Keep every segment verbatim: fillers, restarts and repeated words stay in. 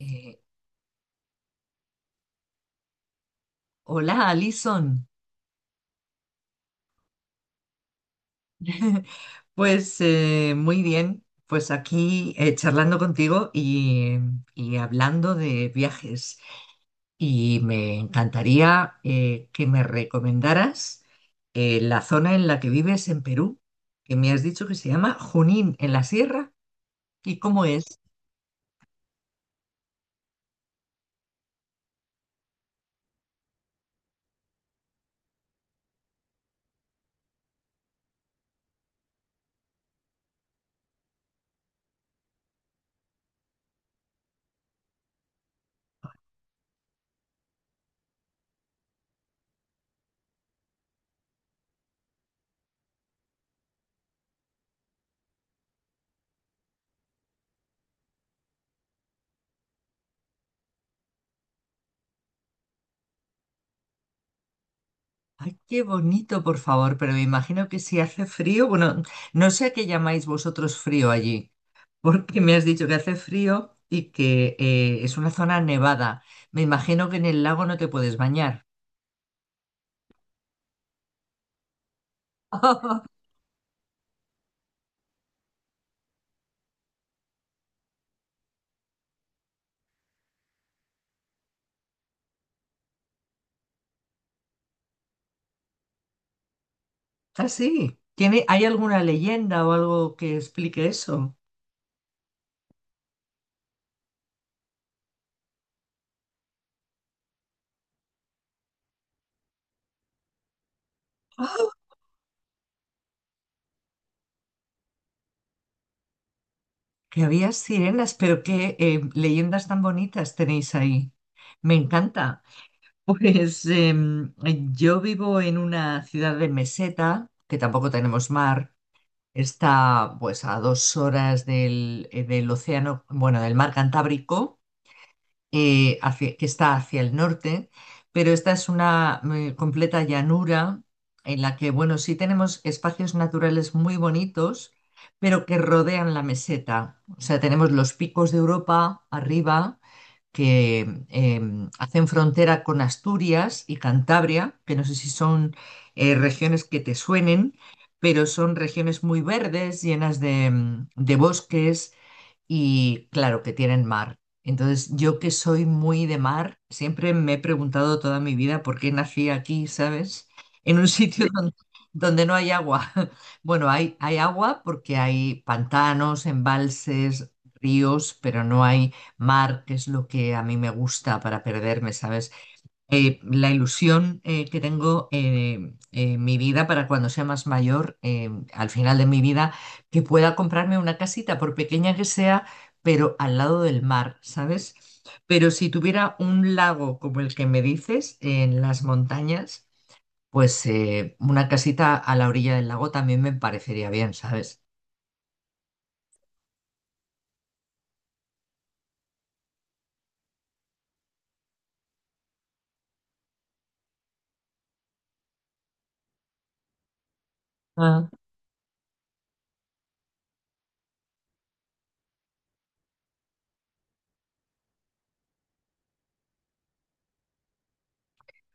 Eh, hola, Alison. Pues eh, muy bien, pues aquí eh, charlando contigo y, y hablando de viajes. Y me encantaría eh, que me recomendaras eh, la zona en la que vives en Perú, que me has dicho que se llama Junín, en la sierra. ¿Y cómo es? Ay, qué bonito, por favor, pero me imagino que si hace frío, bueno, no sé a qué llamáis vosotros frío allí. Porque me has dicho que hace frío y que eh, es una zona nevada. Me imagino que en el lago no te puedes bañar. Ah, sí. ¿Tiene, hay alguna leyenda o algo que explique eso? Que había sirenas, pero qué eh, leyendas tan bonitas tenéis ahí. Me encanta. Pues em, yo vivo en una ciudad de meseta, que tampoco tenemos mar. Está pues a dos horas del, eh, del océano, bueno, del mar Cantábrico. Eh, hacia- que está hacia el norte, pero esta es una eh, completa llanura en la que, bueno, sí tenemos espacios naturales muy bonitos, pero que rodean la meseta. O sea, tenemos los picos de Europa arriba que eh, hacen frontera con Asturias y Cantabria, que no sé si son eh, regiones que te suenen, pero son regiones muy verdes, llenas de, mm, de bosques y claro, que tienen mar. Entonces, yo que soy muy de mar, siempre me he preguntado toda mi vida por qué nací aquí, ¿sabes? En un sitio sí, donde, donde no hay agua. Bueno, hay, hay agua porque hay pantanos, embalses, ríos, pero no hay mar, que es lo que a mí me gusta para perderme, ¿sabes? Eh, la ilusión eh, que tengo eh, en mi vida para cuando sea más mayor, eh, al final de mi vida, que pueda comprarme una casita, por pequeña que sea, pero al lado del mar, ¿sabes? Pero si tuviera un lago como el que me dices, en las montañas, pues eh, una casita a la orilla del lago también me parecería bien, ¿sabes?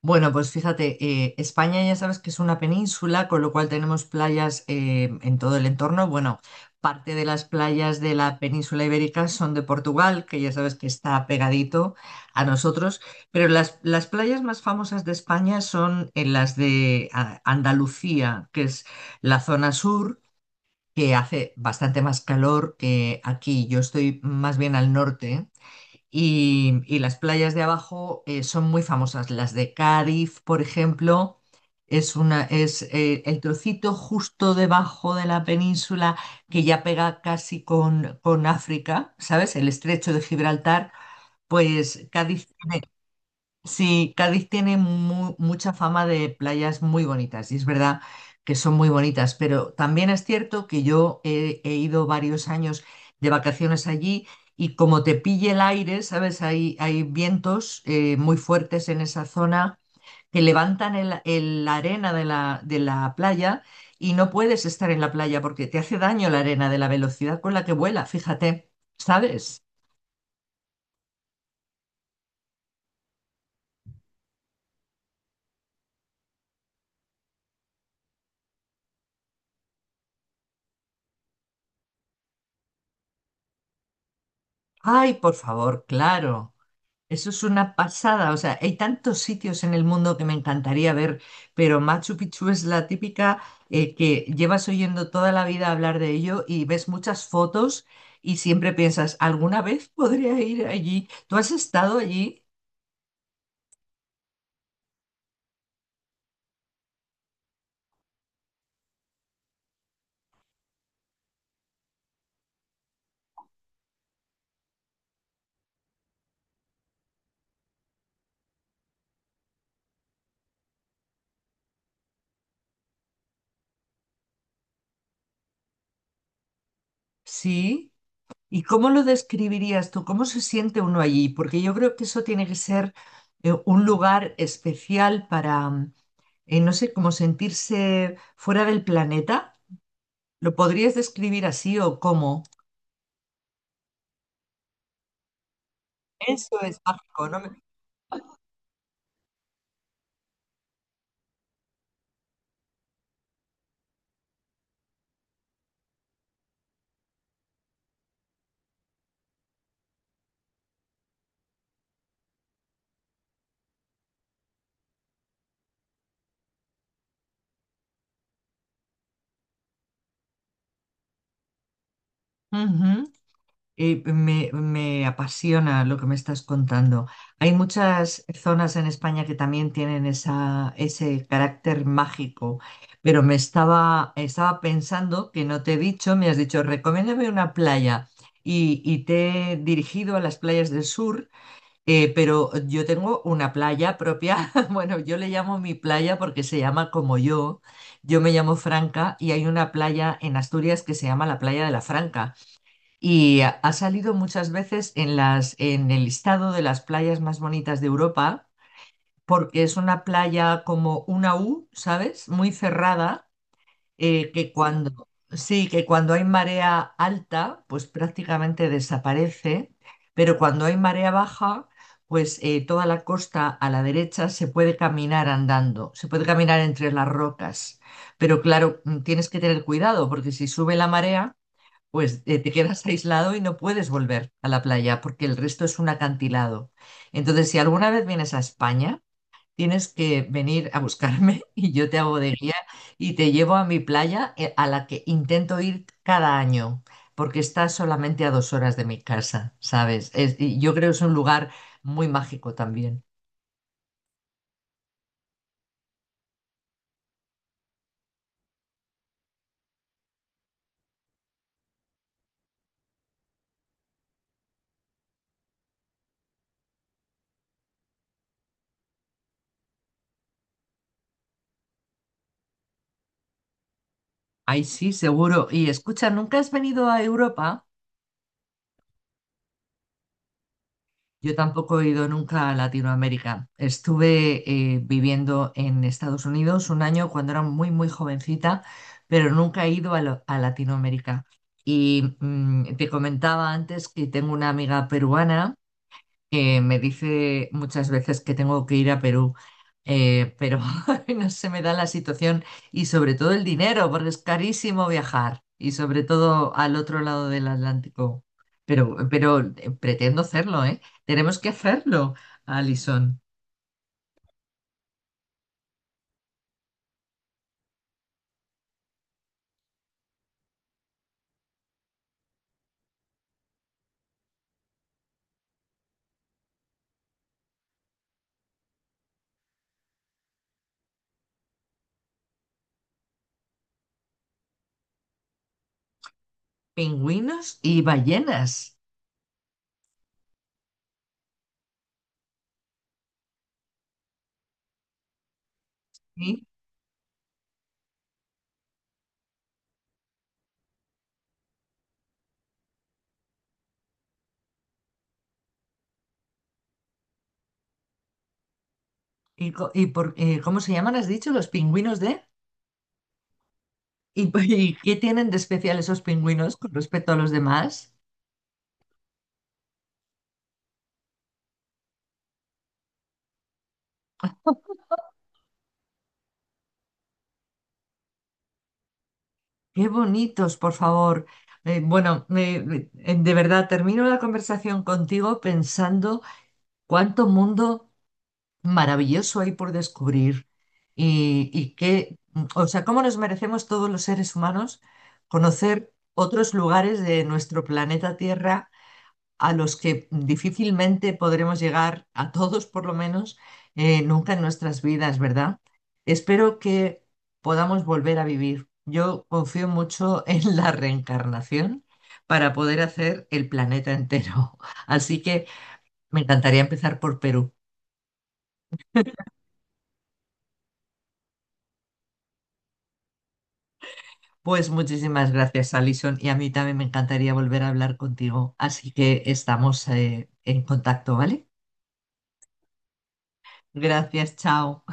Bueno, pues fíjate, eh, España ya sabes que es una península, con lo cual tenemos playas eh, en todo el entorno. Bueno, parte de las playas de la península ibérica son de Portugal, que ya sabes que está pegadito a nosotros, pero las, las playas más famosas de España son en las de ah, Andalucía, que es la zona sur, que hace bastante más calor que aquí. Yo estoy más bien al norte. Y, y las playas de abajo eh, son muy famosas. Las de Cádiz, por ejemplo, es una, es eh, el trocito justo debajo de la península que ya pega casi con, con África, ¿sabes? El estrecho de Gibraltar, pues Cádiz. Sí, Cádiz tiene mu- mucha fama de playas muy bonitas y es verdad que son muy bonitas, pero también es cierto que yo he, he ido varios años de vacaciones allí y como te pille el aire, ¿sabes? Hay, hay vientos eh, muy fuertes en esa zona que levantan el, el- la arena de la, de la playa y no puedes estar en la playa porque te hace daño la arena de la velocidad con la que vuela, fíjate, ¿sabes? Ay, por favor, claro. Eso es una pasada, o sea, hay tantos sitios en el mundo que me encantaría ver, pero Machu Picchu es la típica eh, que llevas oyendo toda la vida hablar de ello y ves muchas fotos y siempre piensas, ¿alguna vez podría ir allí? ¿Tú has estado allí? Sí. ¿Y cómo lo describirías tú? ¿Cómo se siente uno allí? Porque yo creo que eso tiene que ser eh, un lugar especial para, mm, eh, no sé, como sentirse fuera del planeta. ¿Lo podrías describir así o cómo? Eso es mágico, ¿no? Me, ujú. Eh, me, me apasiona lo que me estás contando. Hay muchas zonas en España que también tienen esa, ese carácter mágico, pero me estaba, estaba pensando que no te he dicho, me has dicho, recomiéndame una playa y, y te he dirigido a las playas del sur. Eh, pero yo tengo una playa propia, bueno, yo le llamo mi playa porque se llama como yo, yo me llamo Franca y hay una playa en Asturias que se llama la Playa de la Franca y ha ha salido muchas veces en las, en el listado de las playas más bonitas de Europa porque es una playa como una U, ¿sabes? Muy cerrada eh, que Sí. Cuando, sí, que cuando hay marea alta, pues prácticamente desaparece, pero cuando hay marea baja, pues eh, toda la costa a la derecha se puede caminar andando, se puede caminar entre las rocas, pero claro, mm, tienes que tener cuidado porque si sube la marea, pues eh, te quedas aislado y no puedes volver a la playa porque el resto es un acantilado. Entonces, si alguna vez vienes a España, tienes que venir a buscarme y yo te hago de guía y te llevo a mi playa eh, a la que intento ir cada año, porque está solamente a dos horas de mi casa, ¿sabes? Es- y yo creo que es un lugar muy mágico también. Ay, sí, seguro. Y escucha, ¿nunca has venido a Europa? Yo tampoco he ido nunca a Latinoamérica. Estuve eh, viviendo en Estados Unidos un año cuando era muy, muy jovencita, pero nunca he ido a, lo- a Latinoamérica. Y mm, te comentaba antes que tengo una amiga peruana que me dice muchas veces que tengo que ir a Perú, eh, pero no se me da la situación y sobre todo el dinero, porque es carísimo viajar y sobre todo al otro lado del Atlántico. Pero, pero eh, pretendo hacerlo, ¿eh? Tenemos que hacerlo, Alison. Pingüinos y ballenas. ¿Sí? ¿Y, co- y por, eh, Cómo se llaman, has dicho, ¿los pingüinos de? ¿Y, y qué tienen de especial esos pingüinos con respecto a los demás? Qué bonitos, por favor. Eh, bueno, me- eh, de verdad, termino la conversación contigo pensando cuánto mundo maravilloso hay por descubrir y, y qué, mm, o sea, cómo nos merecemos todos los seres humanos conocer otros lugares de nuestro planeta Tierra a los que difícilmente podremos llegar, a todos por lo menos, eh, nunca en nuestras vidas, ¿verdad? Espero que podamos volver a vivir. Yo confío mucho en la reencarnación para poder hacer el planeta entero. Así que me encantaría empezar por Perú. Pues muchísimas gracias, Alison, y a mí también me encantaría volver a hablar contigo. Así que estamos eh, en contacto, ¿vale? Gracias, chao.